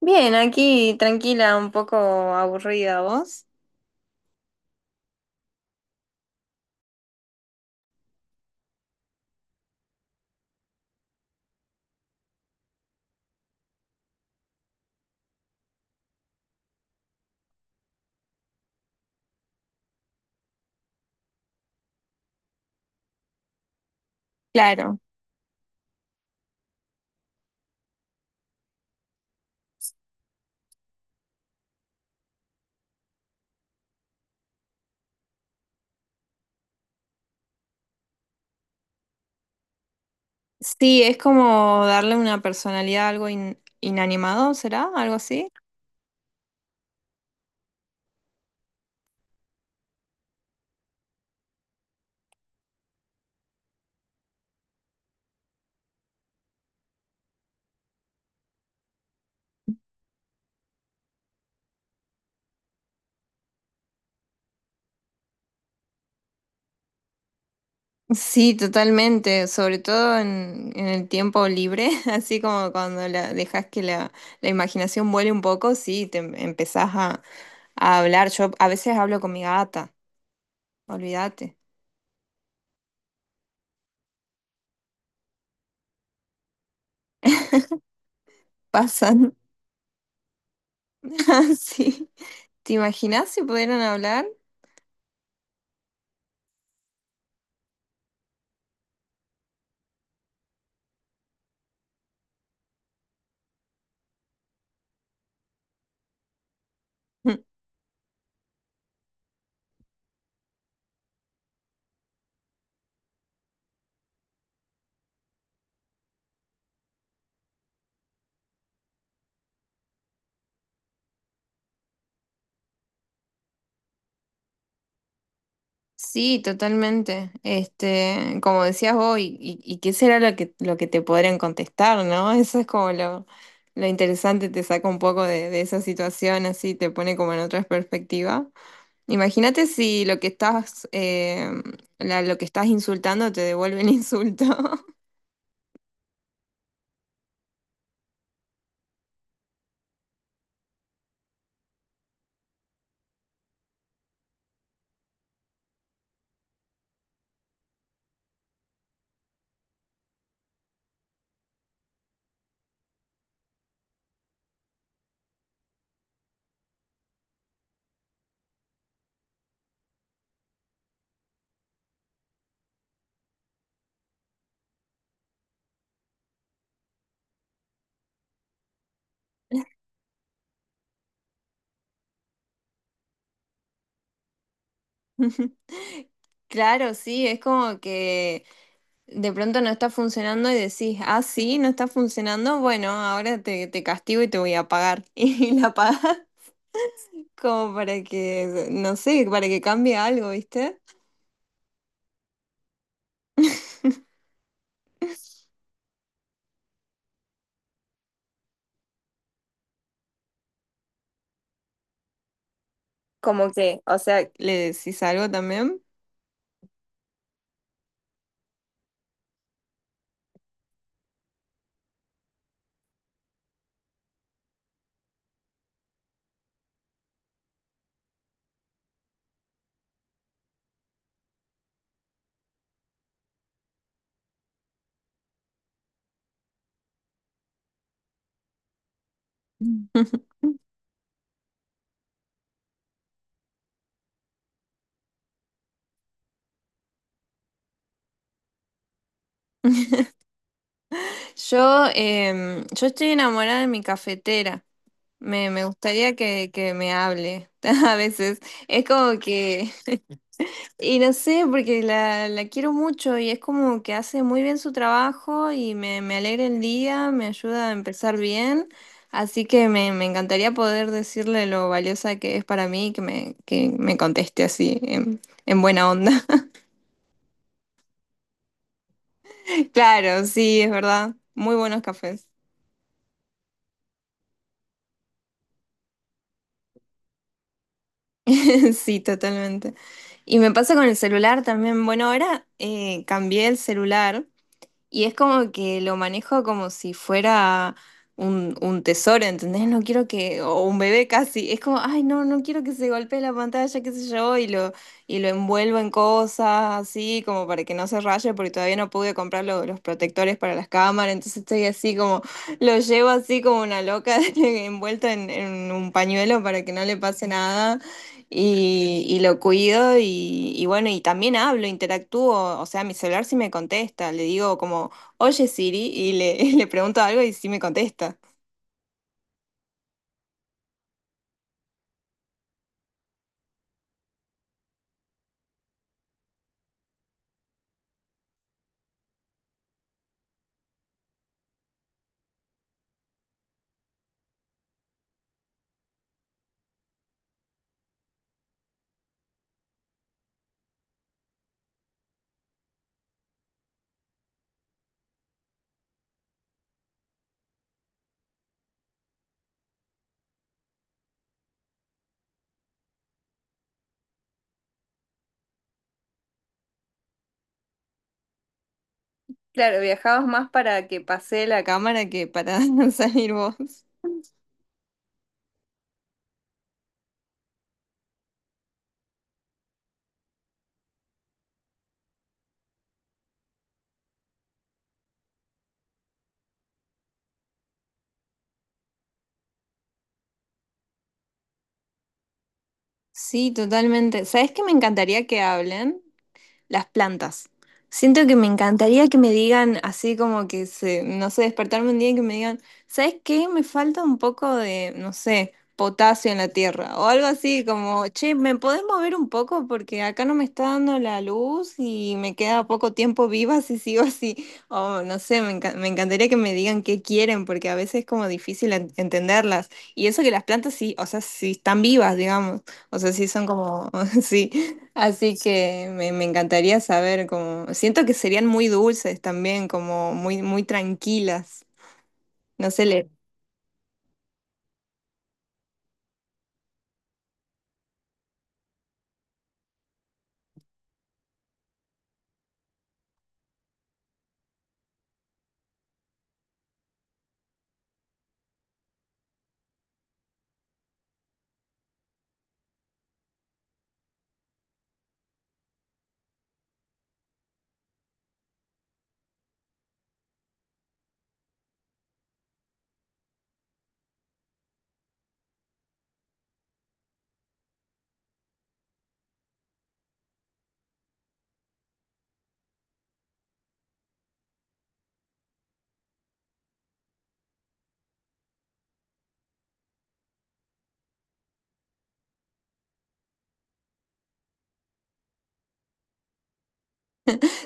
Bien, aquí tranquila, un poco aburrida, ¿vos? Claro, sí, es como darle una personalidad a algo inanimado, ¿será? ¿Algo así? Sí, totalmente, sobre todo en el tiempo libre, así como cuando dejas que la imaginación vuele un poco, sí, empezás a hablar. Yo a veces hablo con mi gata, olvídate, pasan así. ¿Te imaginas si pudieran hablar? Sí, totalmente. Este, como decías vos, y qué será lo que te podrían contestar, ¿no? Eso es como lo interesante, te saca un poco de esa situación, así te pone como en otra perspectiva. Imagínate si lo que estás, lo que estás insultando te devuelve el insulto. Claro, sí, es como que de pronto no está funcionando y decís, ah, sí, no está funcionando, bueno, ahora te castigo y te voy a pagar. Y la pagas. Como para que, no sé, para que cambie algo, ¿viste? Como que, o sea, ¿le decís algo también? Mm. Yo, yo estoy enamorada de mi cafetera. Me gustaría que me hable a veces. Es como que. Y no sé, porque la quiero mucho y es como que hace muy bien su trabajo y me alegra el día, me ayuda a empezar bien. Así que me encantaría poder decirle lo valiosa que es para mí y que que me conteste así, en buena onda. Claro, sí, es verdad. Muy buenos cafés. Sí, totalmente. Y me pasa con el celular también. Bueno, ahora cambié el celular. Y es como que lo manejo como si fuera un tesoro, ¿entendés? No quiero que, o un bebé casi, es como, ay, no, no quiero que se golpee la pantalla, qué sé yo, y lo envuelvo en cosas así, como para que no se raye, porque todavía no pude comprar los protectores para las cámaras, entonces estoy así como, lo llevo así como una loca, envuelta en un pañuelo para que no le pase nada. Y lo cuido y bueno, y también hablo, interactúo, o sea, mi celular sí me contesta, le digo como, oye Siri, y le pregunto algo y sí me contesta. Claro, viajabas más para que pase la cámara que para salir vos. Sí, totalmente. ¿Sabes qué me encantaría que hablen? Las plantas. Siento que me encantaría que me digan así como que se, no sé, despertarme un día y que me digan, ¿sabes qué? Me falta un poco de, no sé, potasio en la tierra o algo así como, che, ¿me podés mover un poco? Porque acá no me está dando la luz y me queda poco tiempo viva si sigo así. O no sé, me encantaría que me digan qué quieren porque a veces es como difícil entenderlas. Y eso que las plantas sí, o sea, sí están vivas, digamos. O sea, sí son como, sí. Así que me encantaría saber cómo. Siento que serían muy dulces también, como muy, muy tranquilas. No sé, le...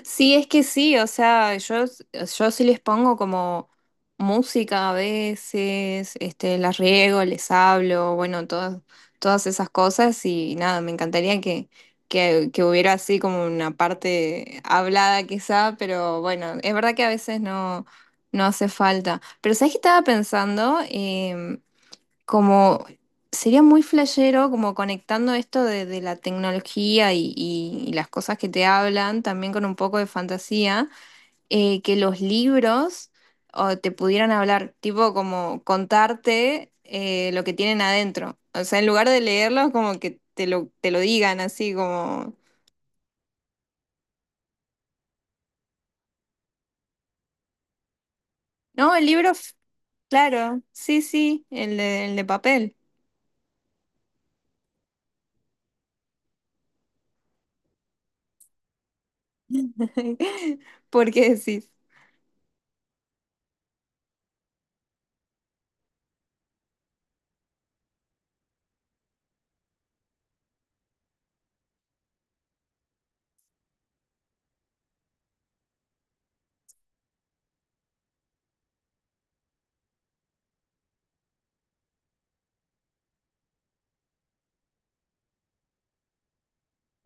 Sí, es que sí, o sea, yo sí les pongo como música a veces, este, las riego, les hablo, bueno, todas, todas esas cosas y nada, me encantaría que hubiera así como una parte hablada quizá, pero bueno, es verdad que a veces no, no hace falta. Pero ¿sabes qué estaba pensando? Como sería muy flashero, como conectando esto de la tecnología y las cosas que te hablan, también con un poco de fantasía, que los libros o, te pudieran hablar, tipo como contarte lo que tienen adentro. O sea, en lugar de leerlos, como que te lo digan así, como, no, el libro, claro, sí, sí, el de papel. ¿Por qué decís?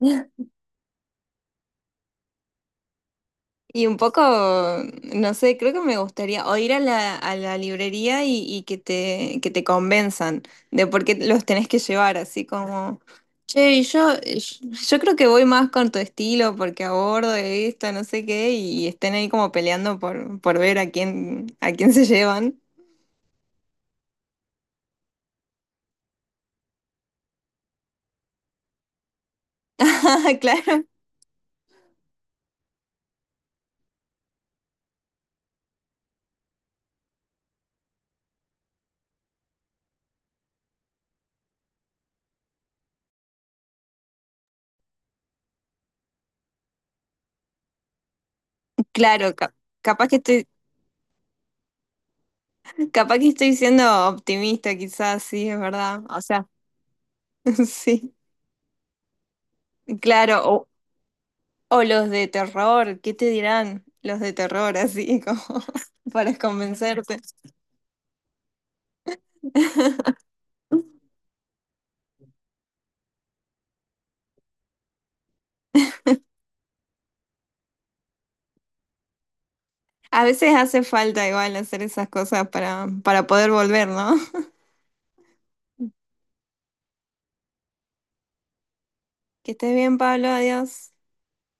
Y un poco, no sé, creo que me gustaría o ir a a la librería y que que te convenzan de por qué los tenés que llevar, así como, che, y yo creo que voy más con tu estilo porque abordo esto, no sé qué, y estén ahí como peleando por ver a quién se llevan. Claro, claro, capaz que estoy, capaz que estoy siendo optimista, quizás, sí, es verdad. O sea, sí. Claro, o los de terror, ¿qué te dirán los de terror así como para convencerte? A veces hace falta igual hacer esas cosas para poder volver, ¿no? Que estés bien, Pablo, adiós.